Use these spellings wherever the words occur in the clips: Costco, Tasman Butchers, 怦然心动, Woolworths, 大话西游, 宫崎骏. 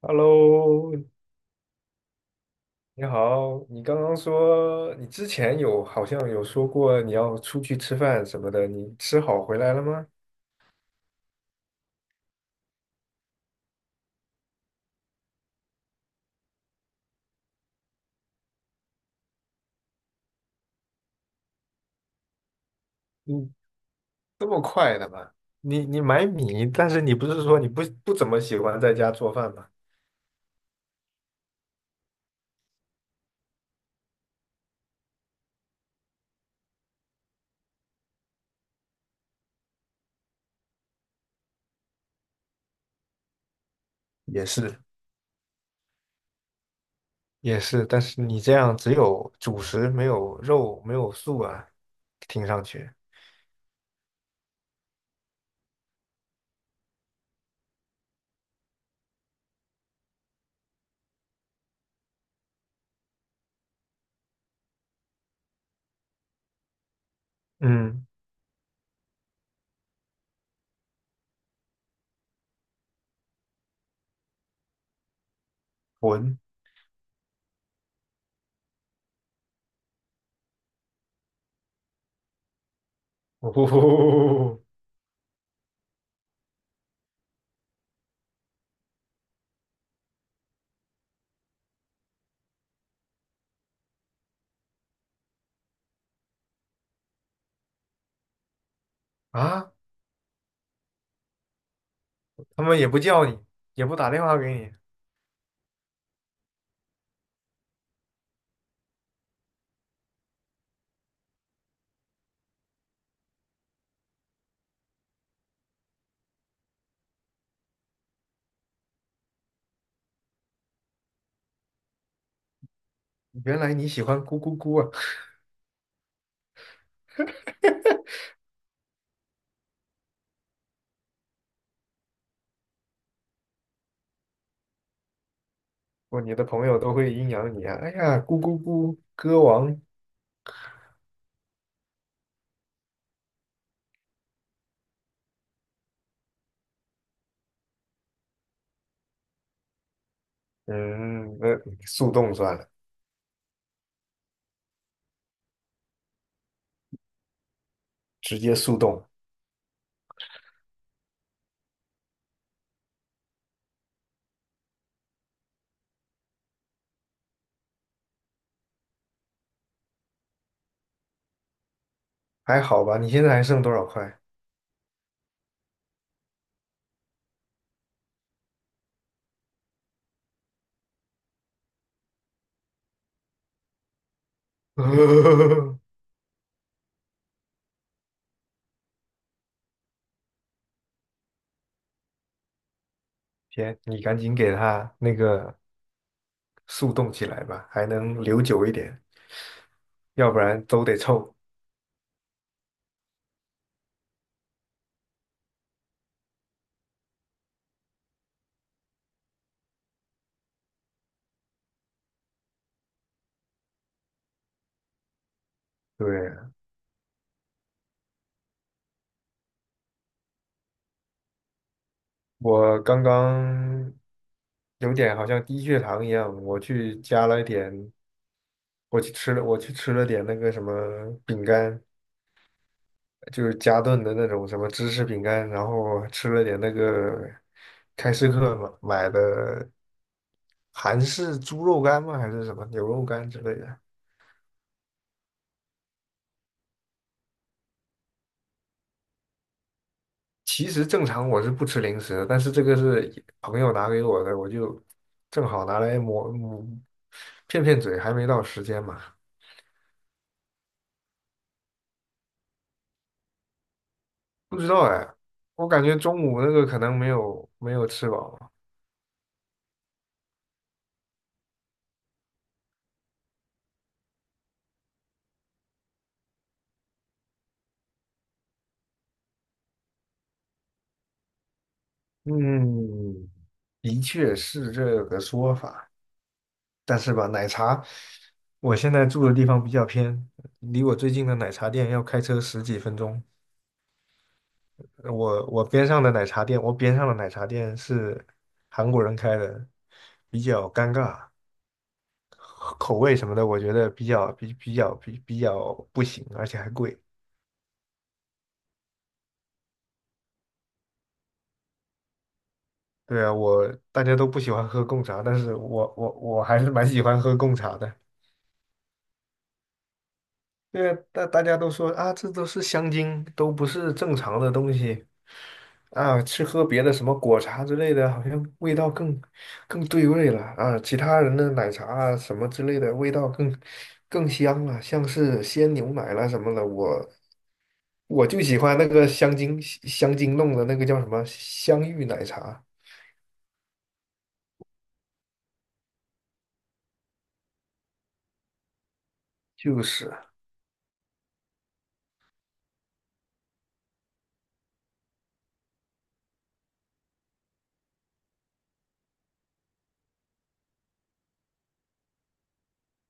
Hello，你好，你刚刚说你之前有好像有说过你要出去吃饭什么的，你吃好回来了吗？你这么快的吗？你买米，但是你不是说你不怎么喜欢在家做饭吗？也是也是，但是你这样只有主食没有肉没有素啊，听上去，嗯，混，哦啊，他们也不叫你，也不打电话给你，原来你喜欢咕咕咕啊。不，你的朋友都会阴阳你啊！哎呀，咕咕咕，歌王，嗯，那速冻算了，直接速冻，还好吧？你现在还剩多少块？天，你赶紧给他那个速冻起来吧，还能留久一点，要不然都得臭。对，我刚刚有点好像低血糖一样，我去加了一点，我去吃了点那个什么饼干，就是加顿的那种什么芝士饼干，然后吃了点那个开市客买的韩式猪肉干吗？还是什么牛肉干之类的。其实正常我是不吃零食的，但是这个是朋友拿给我的，我就正好拿来抹抹骗骗嘴，还没到时间嘛。不知道哎，我感觉中午那个可能没有吃饱。嗯，的确是这个说法。但是吧，奶茶，我现在住的地方比较偏，离我最近的奶茶店要开车十几分钟。我边上的奶茶店是韩国人开的，比较尴尬，口味什么的，我觉得比较不行，而且还贵。对啊，我大家都不喜欢喝贡茶，但是我还是蛮喜欢喝贡茶的。对，大家都说啊，这都是香精，都不是正常的东西啊。吃喝别的什么果茶之类的，好像味道更对味了啊。其他人的奶茶啊什么之类的，味道更香了，像是鲜牛奶啦什么的。我就喜欢那个香精弄的那个叫什么香芋奶茶，就是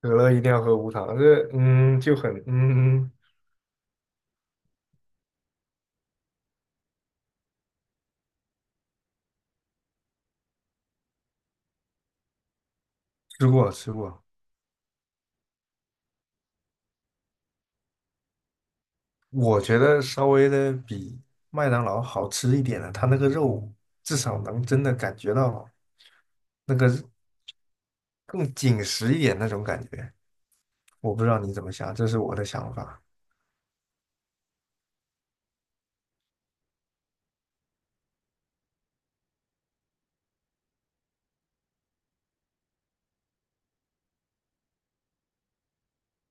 可乐一定要喝无糖，这就很吃过吃过。我觉得稍微的比麦当劳好吃一点的，它那个肉至少能真的感觉到那个更紧实一点那种感觉。我不知道你怎么想，这是我的想法。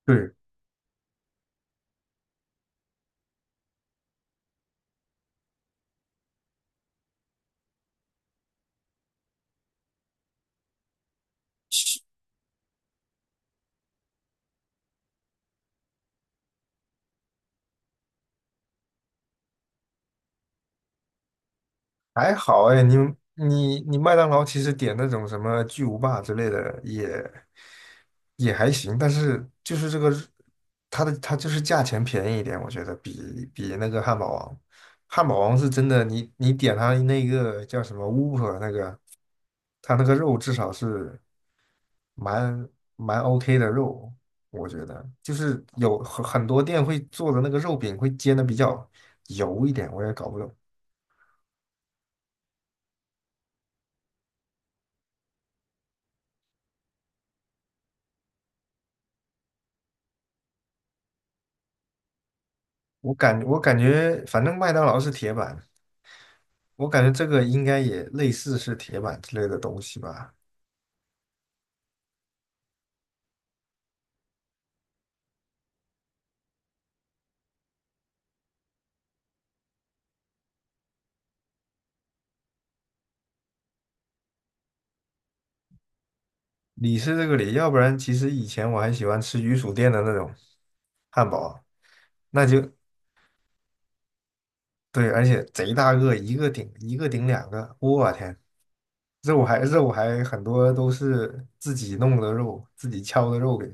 对，还好哎，你麦当劳其实点那种什么巨无霸之类的也还行，但是就是这个它就是价钱便宜一点，我觉得比那个汉堡王，汉堡王是真的，你点它那个叫什么 w h o 那个，它那个肉至少是蛮蛮 OK 的肉，我觉得就是有很多店会做的那个肉饼会煎的比较油一点，我也搞不懂。我感觉，反正麦当劳是铁板，我感觉这个应该也类似是铁板之类的东西吧。里是这个里，要不然其实以前我还喜欢吃鱼薯店的那种汉堡，那就对，而且贼大个，一个顶两个，我天，肉还很多都是自己弄的肉，自己敲的肉给。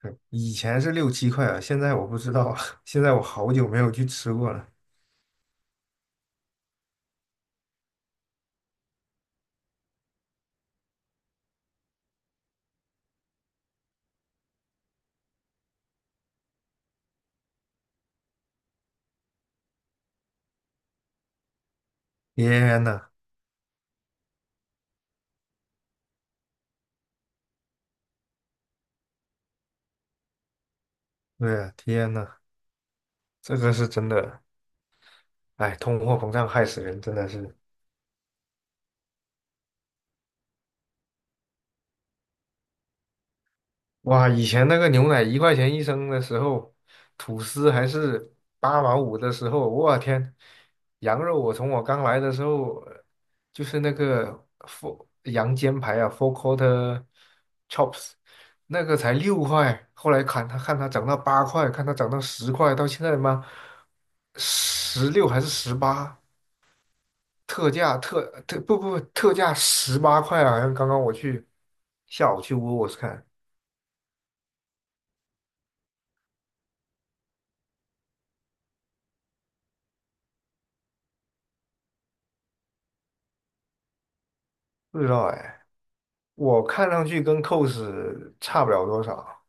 对以前是六七块啊，现在我不知道了，现在我好久没有去吃过了。天呐，对呀，天呐，这个是真的。哎，通货膨胀害死人，真的是哇！以前那个牛奶一块钱一升的时候，吐司还是8毛5的时候，我天！羊肉我从我刚来的时候，就是那个 four 羊肩排啊，four quarter chops，那个才6块，后来看它涨到八块，看它涨到十块，到现在他妈十六还是十八，特价特特不不特价18块啊！好像刚刚下午去 w o o w o r s 看，不知道哎，我看上去跟 c o s 差不了多少。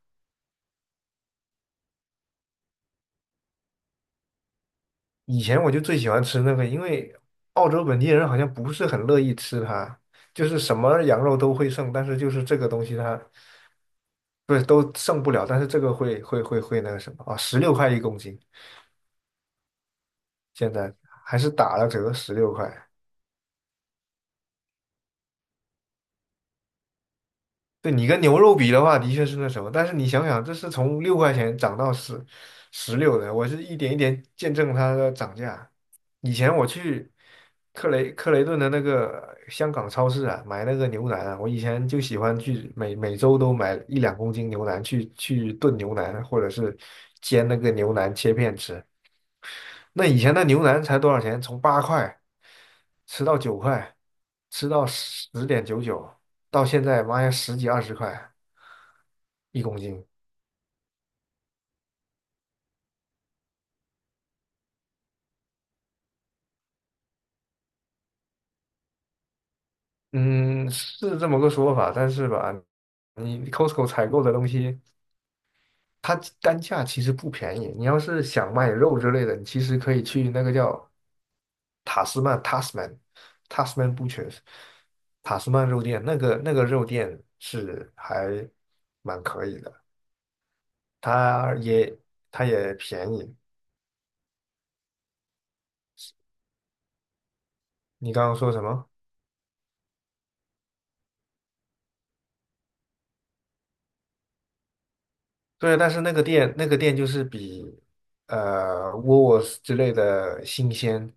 以前我就最喜欢吃那个，因为澳洲本地人好像不是很乐意吃它，就是什么羊肉都会剩，但是就是这个东西它不是都剩不了，但是这个会那个什么啊，16块1公斤，现在还是打了折十六块。对你跟牛肉比的话，的确是那什么，但是你想想，这是从6块钱涨到十六的，我是一点一点见证它的涨价。以前我去克雷顿的那个香港超市啊，买那个牛腩啊，我以前就喜欢去每周都买一两公斤牛腩去炖牛腩，或者是煎那个牛腩切片吃。那以前的牛腩才多少钱？从八块吃到9块，吃到10.99，到现在妈呀十几二十块一公斤。嗯，是这么个说法，但是吧，你 Costco 采购的东西，它单价其实不便宜。你要是想卖肉之类的，你其实可以去那个叫塔斯曼 （Tasman）、Tasman Butchers、塔斯曼肉店，那个肉店是还蛮可以的，它也它也便宜。你刚刚说什么？对，但是那个店就是比沃斯之类的新鲜，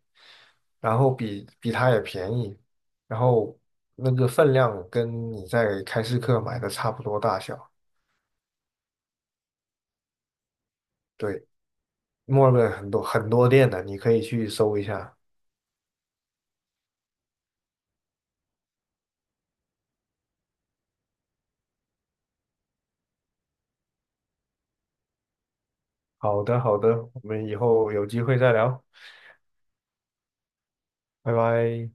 然后比它也便宜，然后那个分量跟你在开市客买的差不多大小。对，墨尔本很多很多店的，你可以去搜一下。好的，好的，我们以后有机会再聊，拜拜。